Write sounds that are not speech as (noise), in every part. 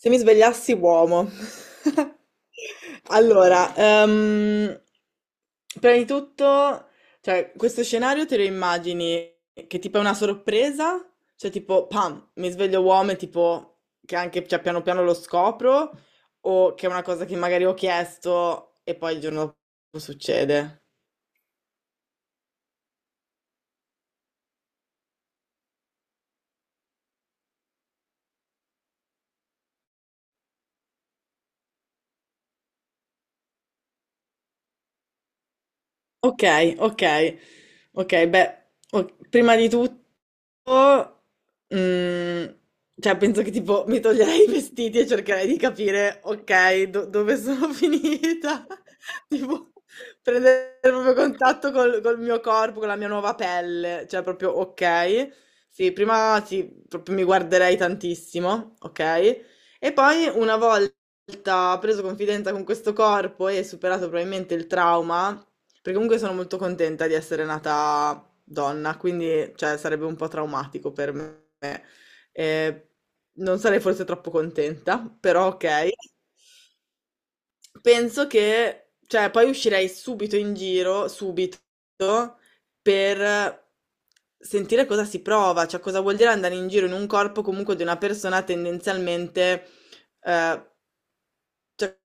Se mi svegliassi uomo. (laughs) Allora, ehm, prima di tutto, questo scenario te lo immagini che tipo è una sorpresa? Cioè tipo, pam, mi sveglio uomo e tipo che anche piano piano lo scopro o che è una cosa che magari ho chiesto e poi il giorno dopo succede? Ok, ok, ok, beh, prima di tutto... Mm, penso che tipo mi toglierei i vestiti e cercherei di capire, ok, dove sono (laughs) finita. Tipo, prendere proprio contatto col mio corpo, con la mia nuova pelle. Cioè, proprio, ok. Sì, prima sì, proprio mi guarderei tantissimo, ok? E poi una volta preso confidenza con questo corpo e superato probabilmente il trauma, perché comunque sono molto contenta di essere nata donna, quindi cioè, sarebbe un po' traumatico per me. Eh, non sarei forse troppo contenta, però ok. Penso che, cioè, poi uscirei subito in giro, subito, per sentire cosa si prova, cioè cosa vuol dire andare in giro in un corpo comunque di una persona tendenzialmente eh, cioè,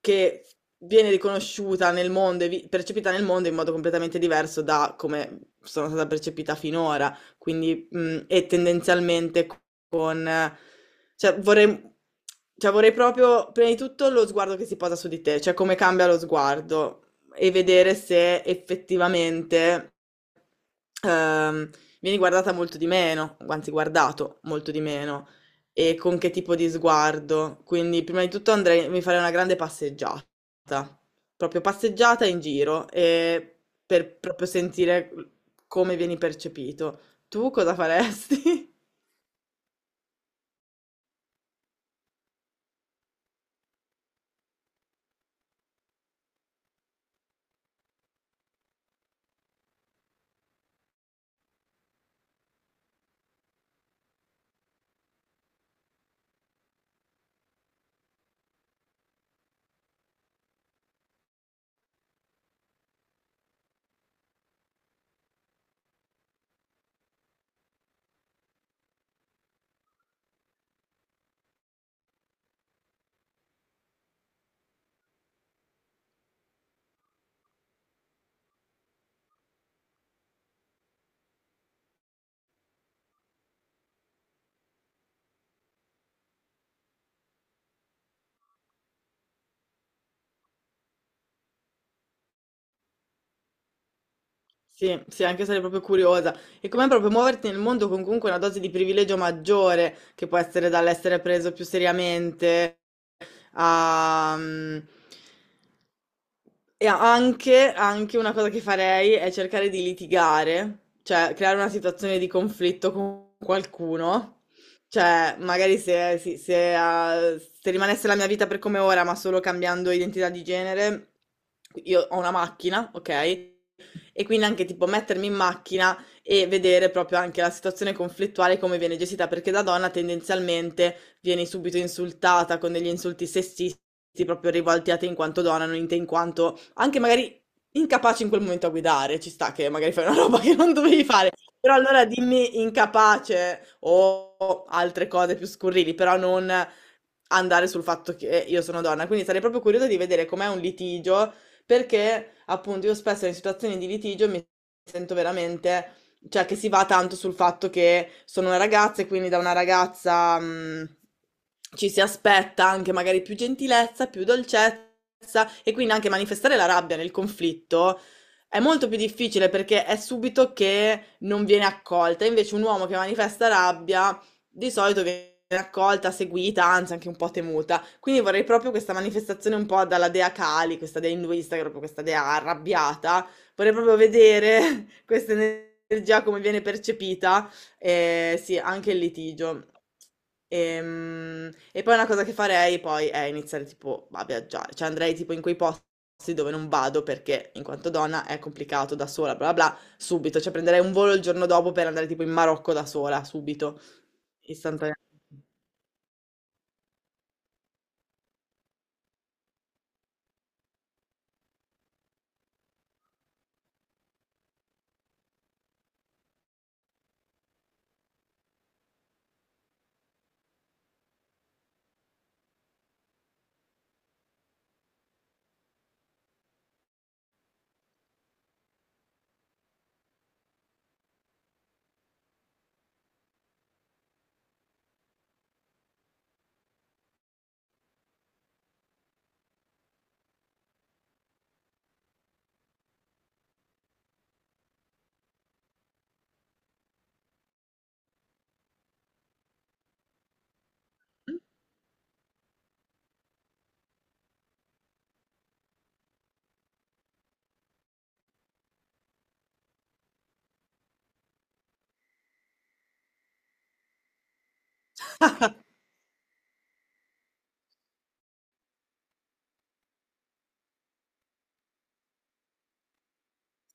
che viene riconosciuta nel mondo e percepita nel mondo in modo completamente diverso da come sono stata percepita finora, quindi e tendenzialmente con... eh, cioè vorrei, cioè vorrei proprio, prima di tutto, lo sguardo che si posa su di te, cioè come cambia lo sguardo e vedere se effettivamente ehm, vieni guardata molto di meno, anzi guardato molto di meno e con che tipo di sguardo. Quindi, prima di tutto andrei, mi farei una grande passeggiata, proprio passeggiata in giro, e per proprio sentire come vieni percepito. Tu cosa faresti? (laughs) Sì, sì, anche sarei proprio curiosa. E com'è proprio muoverti nel mondo con comunque una dose di privilegio maggiore, che può essere dall'essere preso più seriamente a... mm, E anche, anche una cosa che farei è cercare di litigare, cioè creare una situazione di conflitto con qualcuno. Cioè, magari se, si- se, ah, se rimanesse la mia vita per come ora, ma solo cambiando identità di genere, io ho una macchina, ok? E quindi anche tipo mettermi in macchina e vedere proprio anche la situazione conflittuale come viene gestita, perché da donna tendenzialmente vieni subito insultata con degli insulti sessisti, proprio rivolti a te in quanto donna, non in te in quanto anche magari incapace in quel momento a guidare, ci sta che magari fai una roba che non dovevi fare, però allora dimmi incapace o altre cose più scurrili, però non andare sul fatto che io sono donna. Quindi sarei proprio curiosa di vedere com'è un litigio, perché appunto io spesso in situazioni di litigio mi sento veramente cioè che si va tanto sul fatto che sono una ragazza e quindi da una ragazza ci si aspetta anche magari più gentilezza, più dolcezza e quindi anche manifestare la rabbia nel conflitto è molto più difficile perché è subito che non viene accolta, invece un uomo che manifesta rabbia di solito viene accolta, seguita, anzi anche un po' temuta. Quindi vorrei proprio questa manifestazione un po' dalla dea Kali, questa dea induista, che è proprio questa dea arrabbiata, vorrei proprio vedere (laughs) questa energia come viene percepita, e sì, anche il litigio. E poi una cosa che farei poi è iniziare tipo a viaggiare, cioè andrei tipo in quei posti dove non vado perché in quanto donna è complicato da sola, bla bla bla, subito, cioè prenderei un volo il giorno dopo per andare tipo in Marocco da sola, subito, istantaneamente.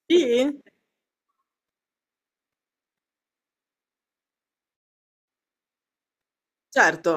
Sì, certo,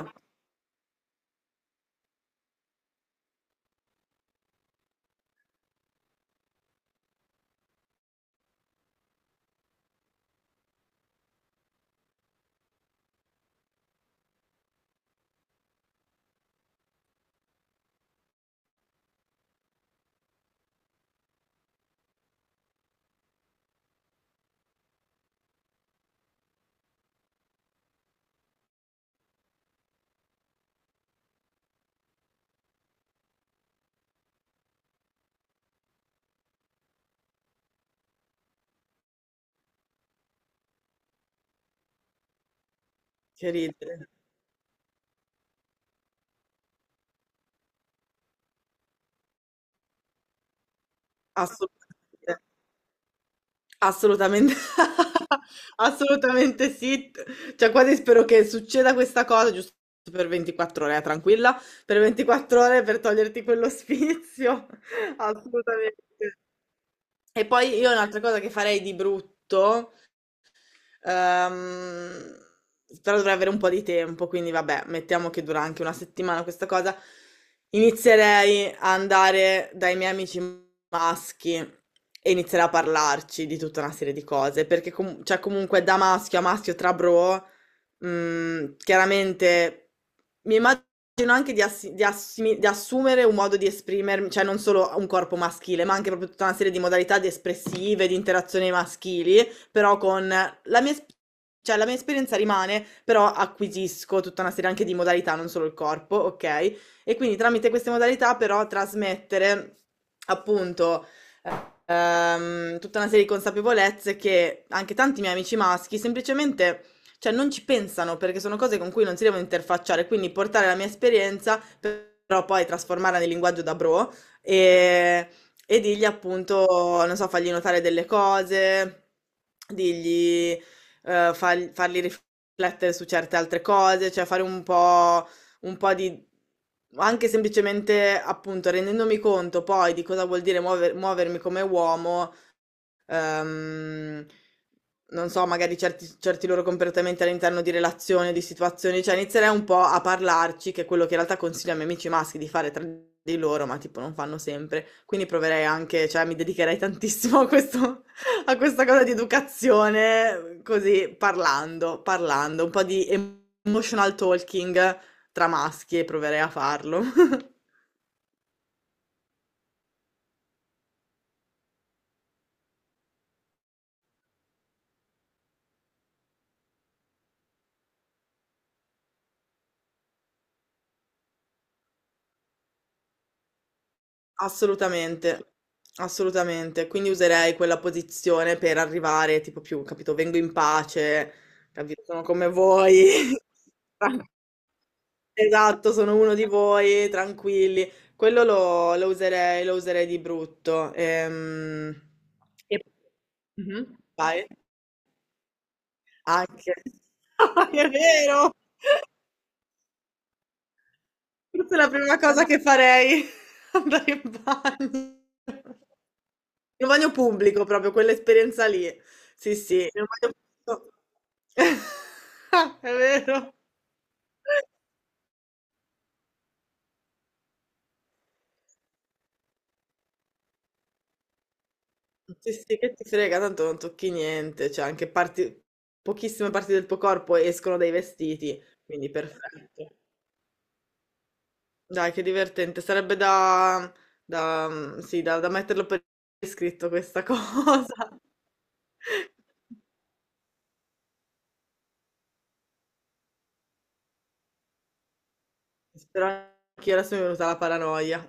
che ridere, assolutamente, assolutamente, (laughs) assolutamente sì, cioè quasi spero che succeda questa cosa giusto per 24 ore, tranquilla, per 24 ore per toglierti quello spizio, (laughs) assolutamente. E poi io un'altra cosa che farei di brutto Ehm, però dovrei avere un po' di tempo, quindi vabbè, mettiamo che dura anche una settimana questa cosa. Inizierei a andare dai miei amici maschi e inizierei a parlarci di tutta una serie di cose, perché comunque da maschio a maschio tra bro, chiaramente mi immagino anche di assumere un modo di esprimermi, cioè non solo un corpo maschile, ma anche proprio tutta una serie di modalità di espressive, di interazioni maschili però con la la mia esperienza rimane, però acquisisco tutta una serie anche di modalità, non solo il corpo, ok? E quindi tramite queste modalità però trasmettere appunto tutta una serie di consapevolezze che anche tanti miei amici maschi semplicemente, cioè, non ci pensano perché sono cose con cui non si devono interfacciare, quindi portare la mia esperienza, però poi trasformarla nel linguaggio da bro e, e dirgli appunto, non so, fargli notare delle cose, dirgli, fargli riflettere su certe altre cose, cioè fare un po' un po' di... anche semplicemente appunto rendendomi conto poi di cosa vuol dire muovermi come uomo ehm, non so, magari certi loro comportamenti all'interno di relazioni, di situazioni, cioè inizierei un po' a parlarci, che è quello che in realtà consiglio ai miei amici maschi di fare tra di loro, ma tipo non fanno sempre. Quindi proverei anche, cioè mi dedicherei tantissimo a questo, (laughs) a questa cosa di educazione, così parlando, parlando, un po' di emotional talking tra maschi e proverei a farlo. Assolutamente, assolutamente. Quindi userei quella posizione per arrivare tipo più, capito, vengo in pace, capito, sono come voi. (laughs) Tran- Esatto, sono uno di voi, tranquilli. Quello lo userei di brutto. E... Mhm. Vai. Anche. (laughs) È vero! Questa è la prima cosa che farei, (laughs) andare in bagno. In un bagno pubblico proprio, quell'esperienza lì. Sì, sì, in un bagno pubblico. (laughs) È vero. Sì, sì, che ti frega, tanto non tocchi niente, cioè anche parti, pochissime parti del tuo corpo escono dai vestiti, quindi perfetto. Dai, che divertente, sarebbe da, da, sì, da, da metterlo per iscritto questa cosa. (laughs) Spero anche io adesso mi è venuta la paranoia.